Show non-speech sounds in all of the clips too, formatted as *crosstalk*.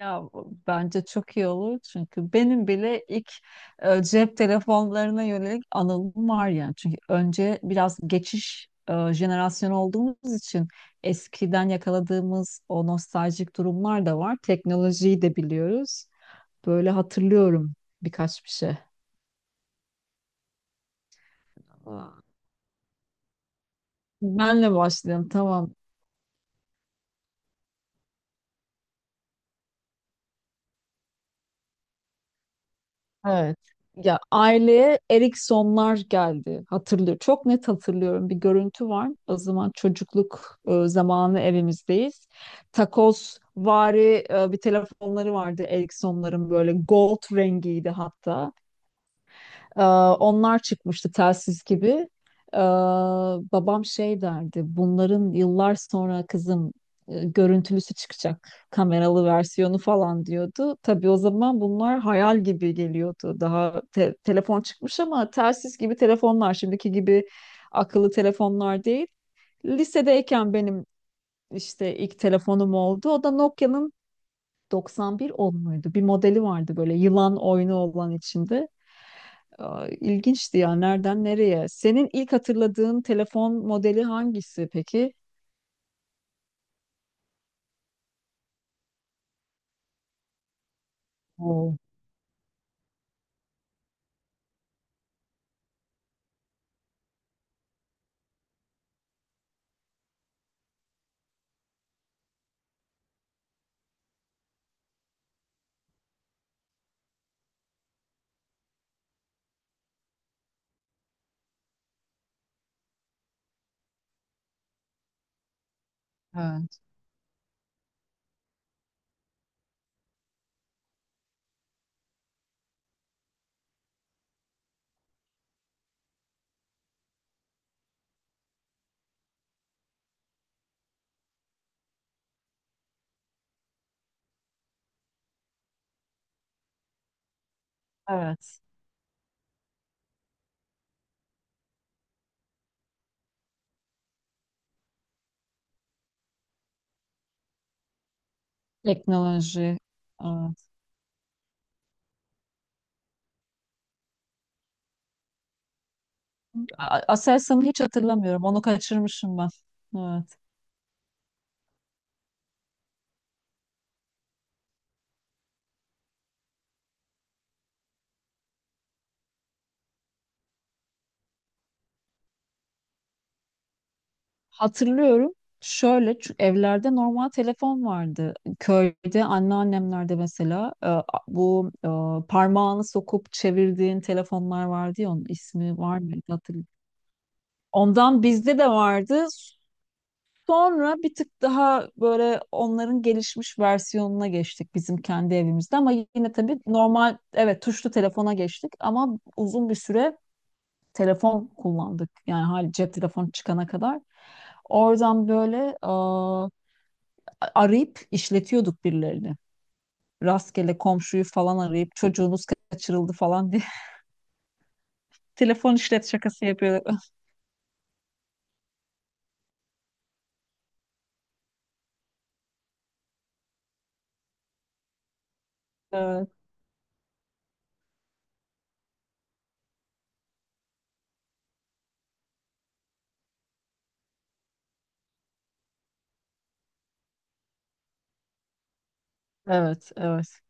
Ya bence çok iyi olur çünkü benim bile ilk cep telefonlarına yönelik anılım var yani. Çünkü önce biraz geçiş jenerasyonu olduğumuz için eskiden yakaladığımız o nostaljik durumlar da var. Teknolojiyi de biliyoruz. Böyle hatırlıyorum birkaç bir şey. Aa, benle başlayalım, tamam. Evet. Ya, aileye Eriksonlar geldi. Hatırlıyor. Çok net hatırlıyorum. Bir görüntü var. O zaman çocukluk zamanı evimizdeyiz. Takoz vari bir telefonları vardı Eriksonların, böyle gold rengiydi hatta. Ee, Onlar çıkmıştı telsiz gibi. Ee, Babam şey derdi, bunların yıllar sonra kızım görüntülüsü çıkacak, kameralı versiyonu falan diyordu. Tabii o zaman bunlar hayal gibi geliyordu. Daha telefon çıkmış ama telsiz gibi telefonlar, şimdiki gibi akıllı telefonlar değil. Lisedeyken benim işte ilk telefonum oldu. O da Nokia'nın 9110 muydu? Bir modeli vardı böyle yılan oyunu olan içinde. Aa, İlginçti ya, nereden nereye? Senin ilk hatırladığın telefon modeli hangisi peki? Oo, evet, evet. Teknoloji. Evet. Aselsan'ı hiç hatırlamıyorum. Onu kaçırmışım ben. Evet. Hatırlıyorum. Şöyle, çünkü evlerde normal telefon vardı. Köyde anneannemlerde mesela bu parmağını sokup çevirdiğin telefonlar vardı ya, onun ismi var mıydı hatırlamıyorum. Ondan bizde de vardı. Sonra bir tık daha böyle onların gelişmiş versiyonuna geçtik bizim kendi evimizde ama yine tabii normal evet tuşlu telefona geçtik ama uzun bir süre telefon kullandık. Yani hali cep telefonu çıkana kadar. Oradan böyle aa, arayıp işletiyorduk birilerini. Rastgele komşuyu falan arayıp çocuğunuz kaçırıldı falan diye *laughs* telefon işlet şakası yapıyorduk. *laughs* Evet, evet, evet.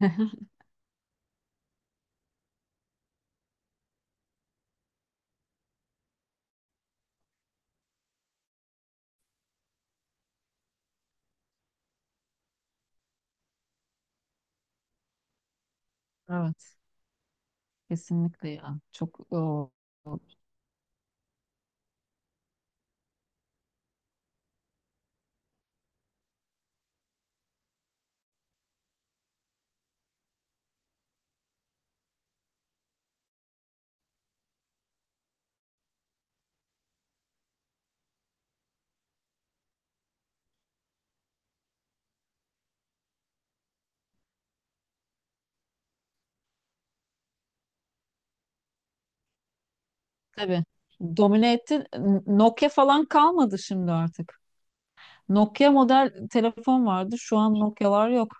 *laughs* Evet, kesinlikle ya. Çok o, tabii. Domine etti. Nokia falan kalmadı şimdi artık. Nokia model telefon vardı. Şu an Nokia'lar yok.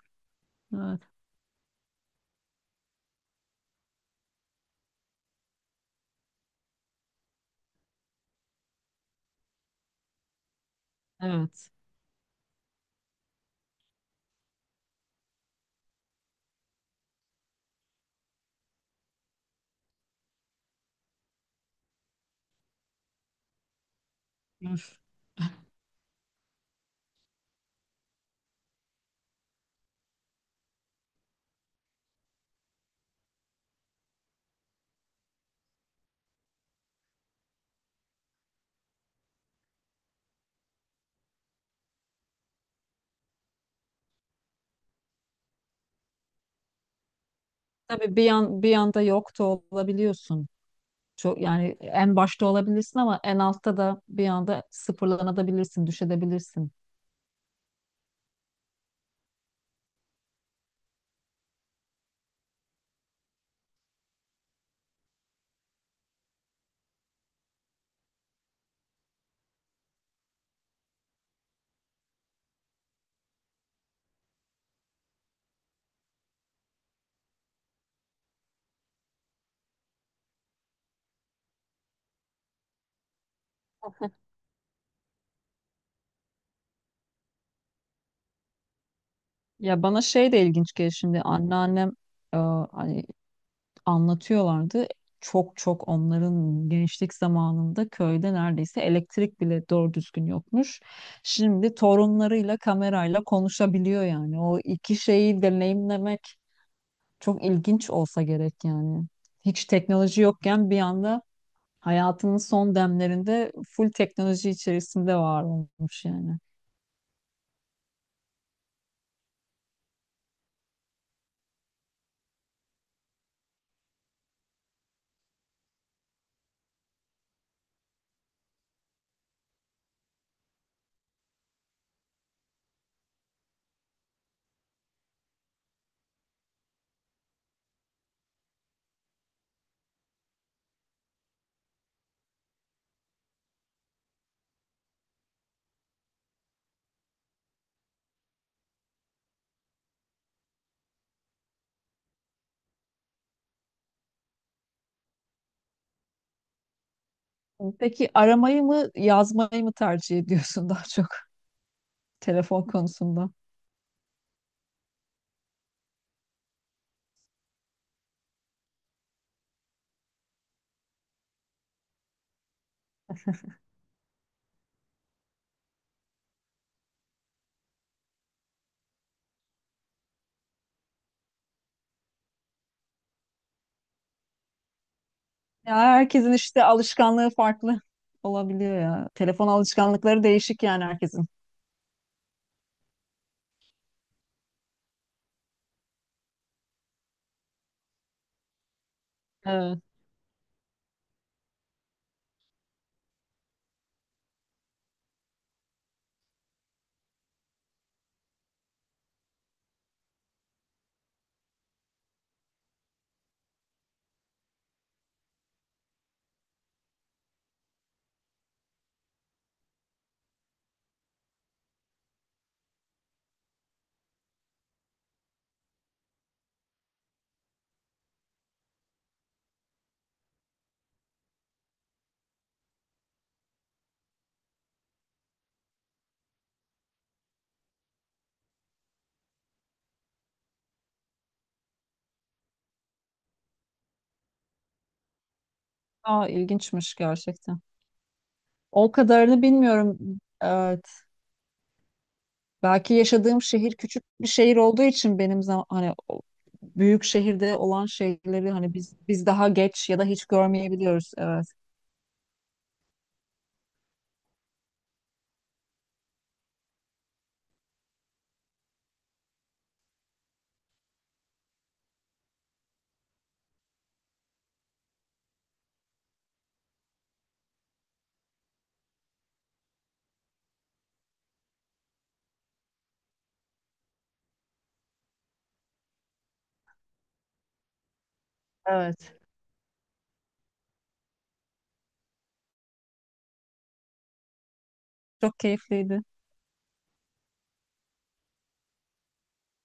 Evet. Evet. Üf. Tabii bir yan, bir yanda yok da olabiliyorsun. Çok yani, en başta olabilirsin ama en altta da bir anda sıfırlanabilirsin, düşebilirsin. *laughs* Ya bana şey de ilginç geliyor şimdi, anneannem e, hani anlatıyorlardı. Çok çok onların gençlik zamanında köyde neredeyse elektrik bile doğru düzgün yokmuş. Şimdi torunlarıyla kamerayla konuşabiliyor yani. O iki şeyi deneyimlemek çok ilginç olsa gerek yani. Hiç teknoloji yokken bir anda hayatının son demlerinde full teknoloji içerisinde var olmuş yani. Peki aramayı mı yazmayı mı tercih ediyorsun daha çok *laughs* telefon konusunda? Ya herkesin işte alışkanlığı farklı olabiliyor ya. Telefon alışkanlıkları değişik yani herkesin. Evet. Aa, ilginçmiş gerçekten. O kadarını bilmiyorum. Evet. Belki yaşadığım şehir küçük bir şehir olduğu için benim zaman, hani o büyük şehirde olan şeyleri hani biz daha geç ya da hiç görmeyebiliyoruz. Evet. Evet. Çok keyifliydi.